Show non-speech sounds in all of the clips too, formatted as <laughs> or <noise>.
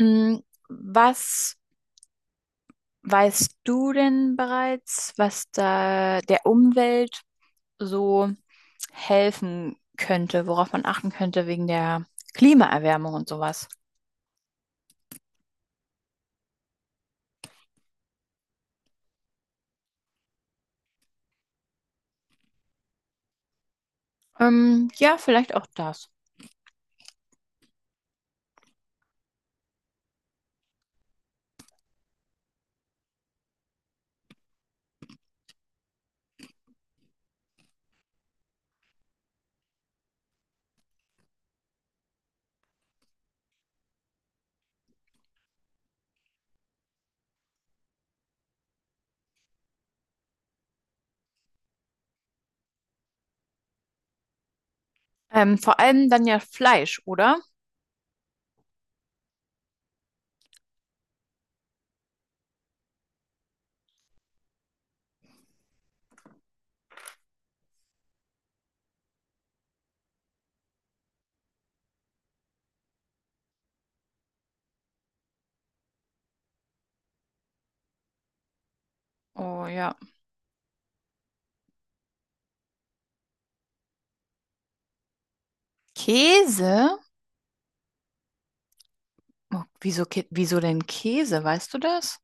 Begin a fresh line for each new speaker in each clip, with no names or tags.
Mm. Was weißt du denn bereits, was da der Umwelt so helfen könnte, worauf man achten könnte wegen der Klimaerwärmung und sowas? Ja, vielleicht auch das. Vor allem dann ja Fleisch, oder? Oh ja. Käse? Oh, wieso, wieso denn Käse? Weißt du das?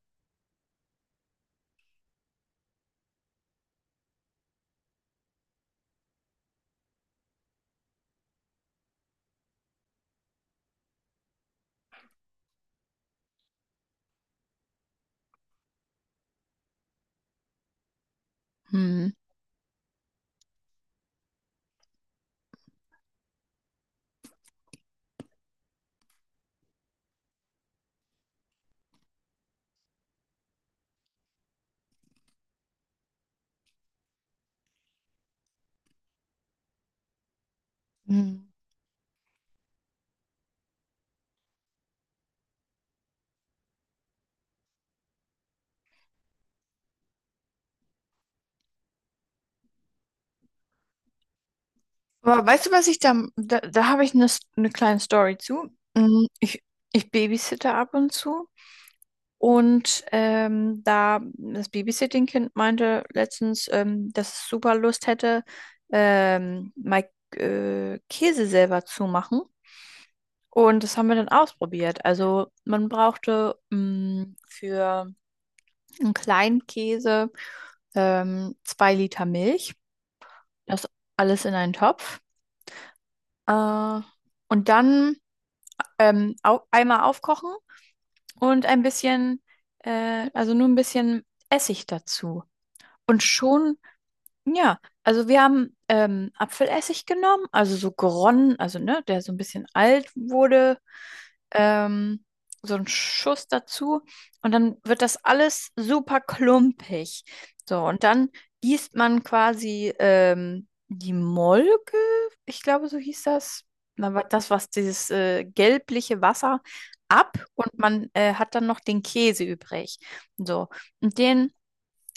Hm. Hm. Aber weißt du, was ich da habe ich eine kleine Story zu. Mm. Ich babysitte ab und zu. Und da das Babysitting-Kind meinte letztens, dass es super Lust hätte, mal Käse selber zu machen. Und das haben wir dann ausprobiert. Also man brauchte für einen kleinen Käse 2 Liter Milch. Das alles in einen Topf. Äh, und dann au einmal aufkochen und ein bisschen, also nur ein bisschen Essig dazu. Und schon. Ja, also wir haben Apfelessig genommen, also so geronnen, also ne, der so ein bisschen alt wurde, ähm, so ein Schuss dazu und dann wird das alles super klumpig. So, und dann gießt man quasi die Molke, ich glaube, so hieß das. Na, das, was dieses gelbliche Wasser ab und man hat dann noch den Käse übrig. So, und den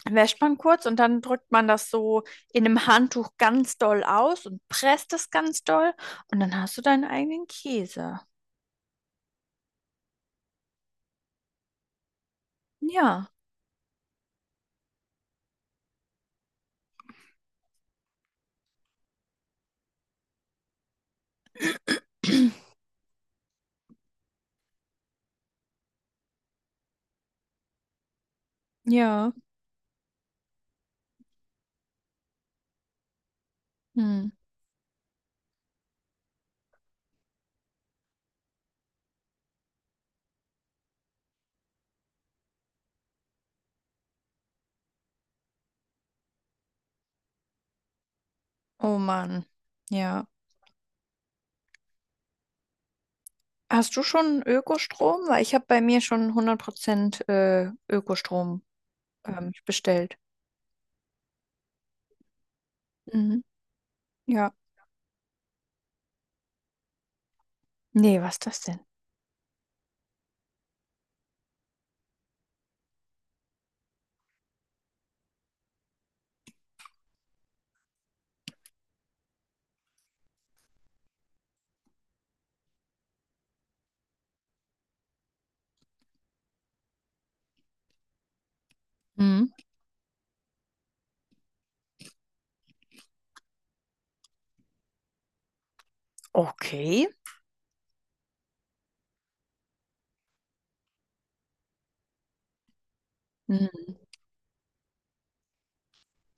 wäscht man kurz und dann drückt man das so in einem Handtuch ganz doll aus und presst es ganz doll und dann hast du deinen eigenen Käse. Ja, ja. Hm. Oh Mann. Ja. Hast du schon Ökostrom? Weil ich habe bei mir schon 100% Ökostrom bestellt. Mhm. Ja. Nee, was ist das denn? Mhm. Okay. Mhm.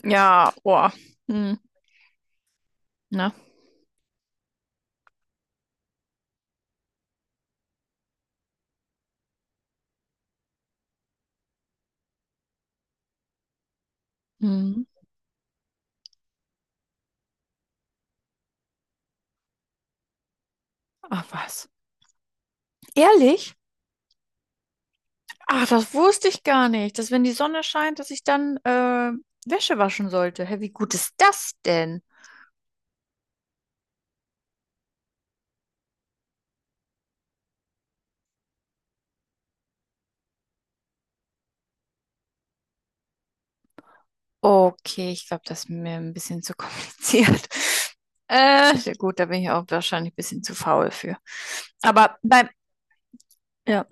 Ja, boah. Mhm. Na. Mhm. Ach was. Ehrlich? Ach, das wusste ich gar nicht, dass wenn die Sonne scheint, dass ich dann Wäsche waschen sollte. Hä, wie gut ist das denn? Okay, ich glaube, das ist mir ein bisschen zu kompliziert. <laughs> Ja gut, da bin ich auch wahrscheinlich ein bisschen zu faul für. Aber beim. Ja.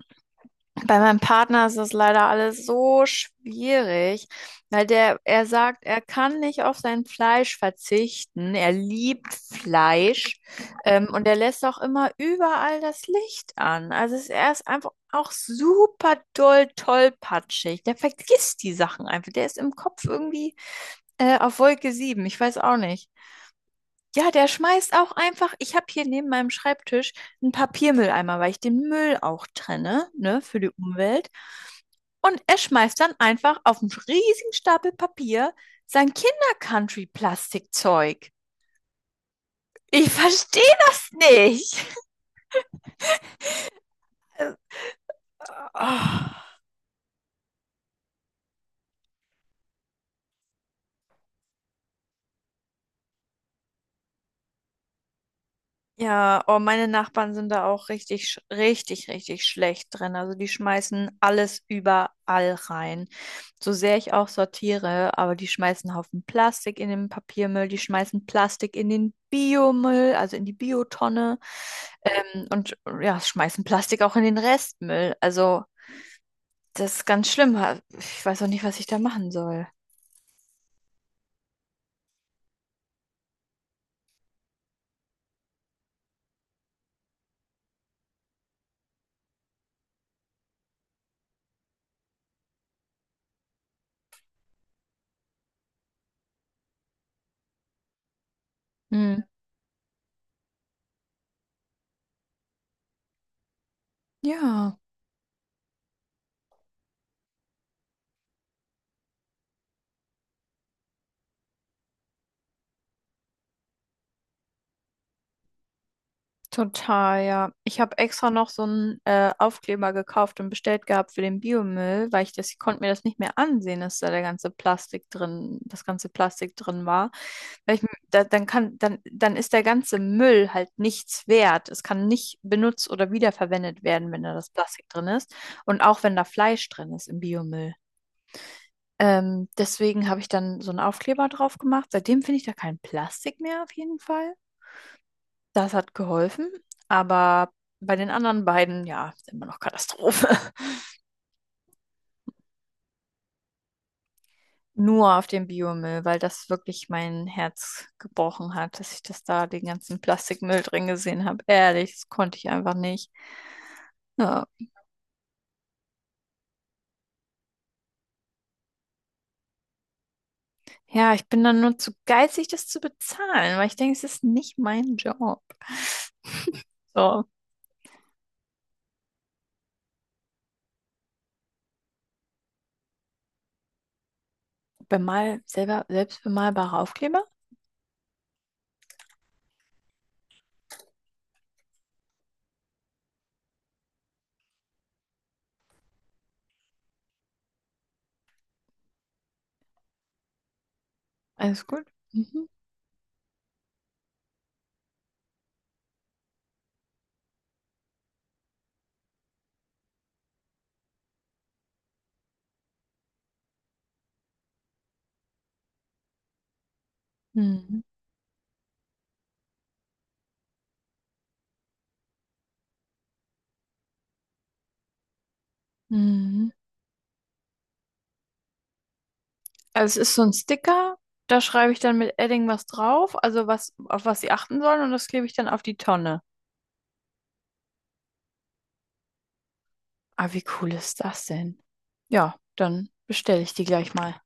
Bei meinem Partner ist das leider alles so schwierig, weil er sagt, er kann nicht auf sein Fleisch verzichten. Er liebt Fleisch, und er lässt auch immer überall das Licht an. Also er ist einfach auch super doll tollpatschig. Der vergisst die Sachen einfach. Der ist im Kopf irgendwie, auf Wolke sieben. Ich weiß auch nicht. Ja, der schmeißt auch einfach, ich habe hier neben meinem Schreibtisch einen Papiermülleimer, weil ich den Müll auch trenne, ne, für die Umwelt. Und er schmeißt dann einfach auf einen riesigen Stapel Papier sein Kinder-Country-Plastikzeug. Ich verstehe das nicht. Äh, Oh. Ja, oh, meine Nachbarn sind da auch richtig, richtig, richtig schlecht drin. Also die schmeißen alles überall rein. So sehr ich auch sortiere, aber die schmeißen Haufen Plastik in den Papiermüll, die schmeißen Plastik in den Biomüll, also in die Biotonne, und ja, schmeißen Plastik auch in den Restmüll. Also das ist ganz schlimm. Ich weiß auch nicht, was ich da machen soll. Hm. Ja. Total, ja. Ich habe extra noch so einen Aufkleber gekauft und bestellt gehabt für den Biomüll, weil ich das, ich konnte mir das nicht mehr ansehen, dass da der ganze Plastik drin, das ganze Plastik drin war. Weil ich, da, dann kann, dann ist der ganze Müll halt nichts wert. Es kann nicht benutzt oder wiederverwendet werden, wenn da das Plastik drin ist. Und auch wenn da Fleisch drin ist im Biomüll. Deswegen habe ich dann so einen Aufkleber drauf gemacht. Seitdem finde ich da kein Plastik mehr auf jeden Fall. Das hat geholfen, aber bei den anderen beiden, ja, ist immer noch Katastrophe. <laughs> Nur auf dem Biomüll, weil das wirklich mein Herz gebrochen hat, dass ich das da den ganzen Plastikmüll drin gesehen habe. Ehrlich, das konnte ich einfach nicht. Ja. Ja, ich bin dann nur zu geizig, das zu bezahlen, weil ich denke, es ist nicht mein Job. So, selbst bemalbare Aufkleber, alles gut. Mhm. Mhm. Mhm. Also es ist so ein Sticker, da schreibe ich dann mit Edding was drauf, also was, auf was sie achten sollen und das klebe ich dann auf die Tonne. Ah, wie cool ist das denn? Ja, dann bestelle ich die gleich mal.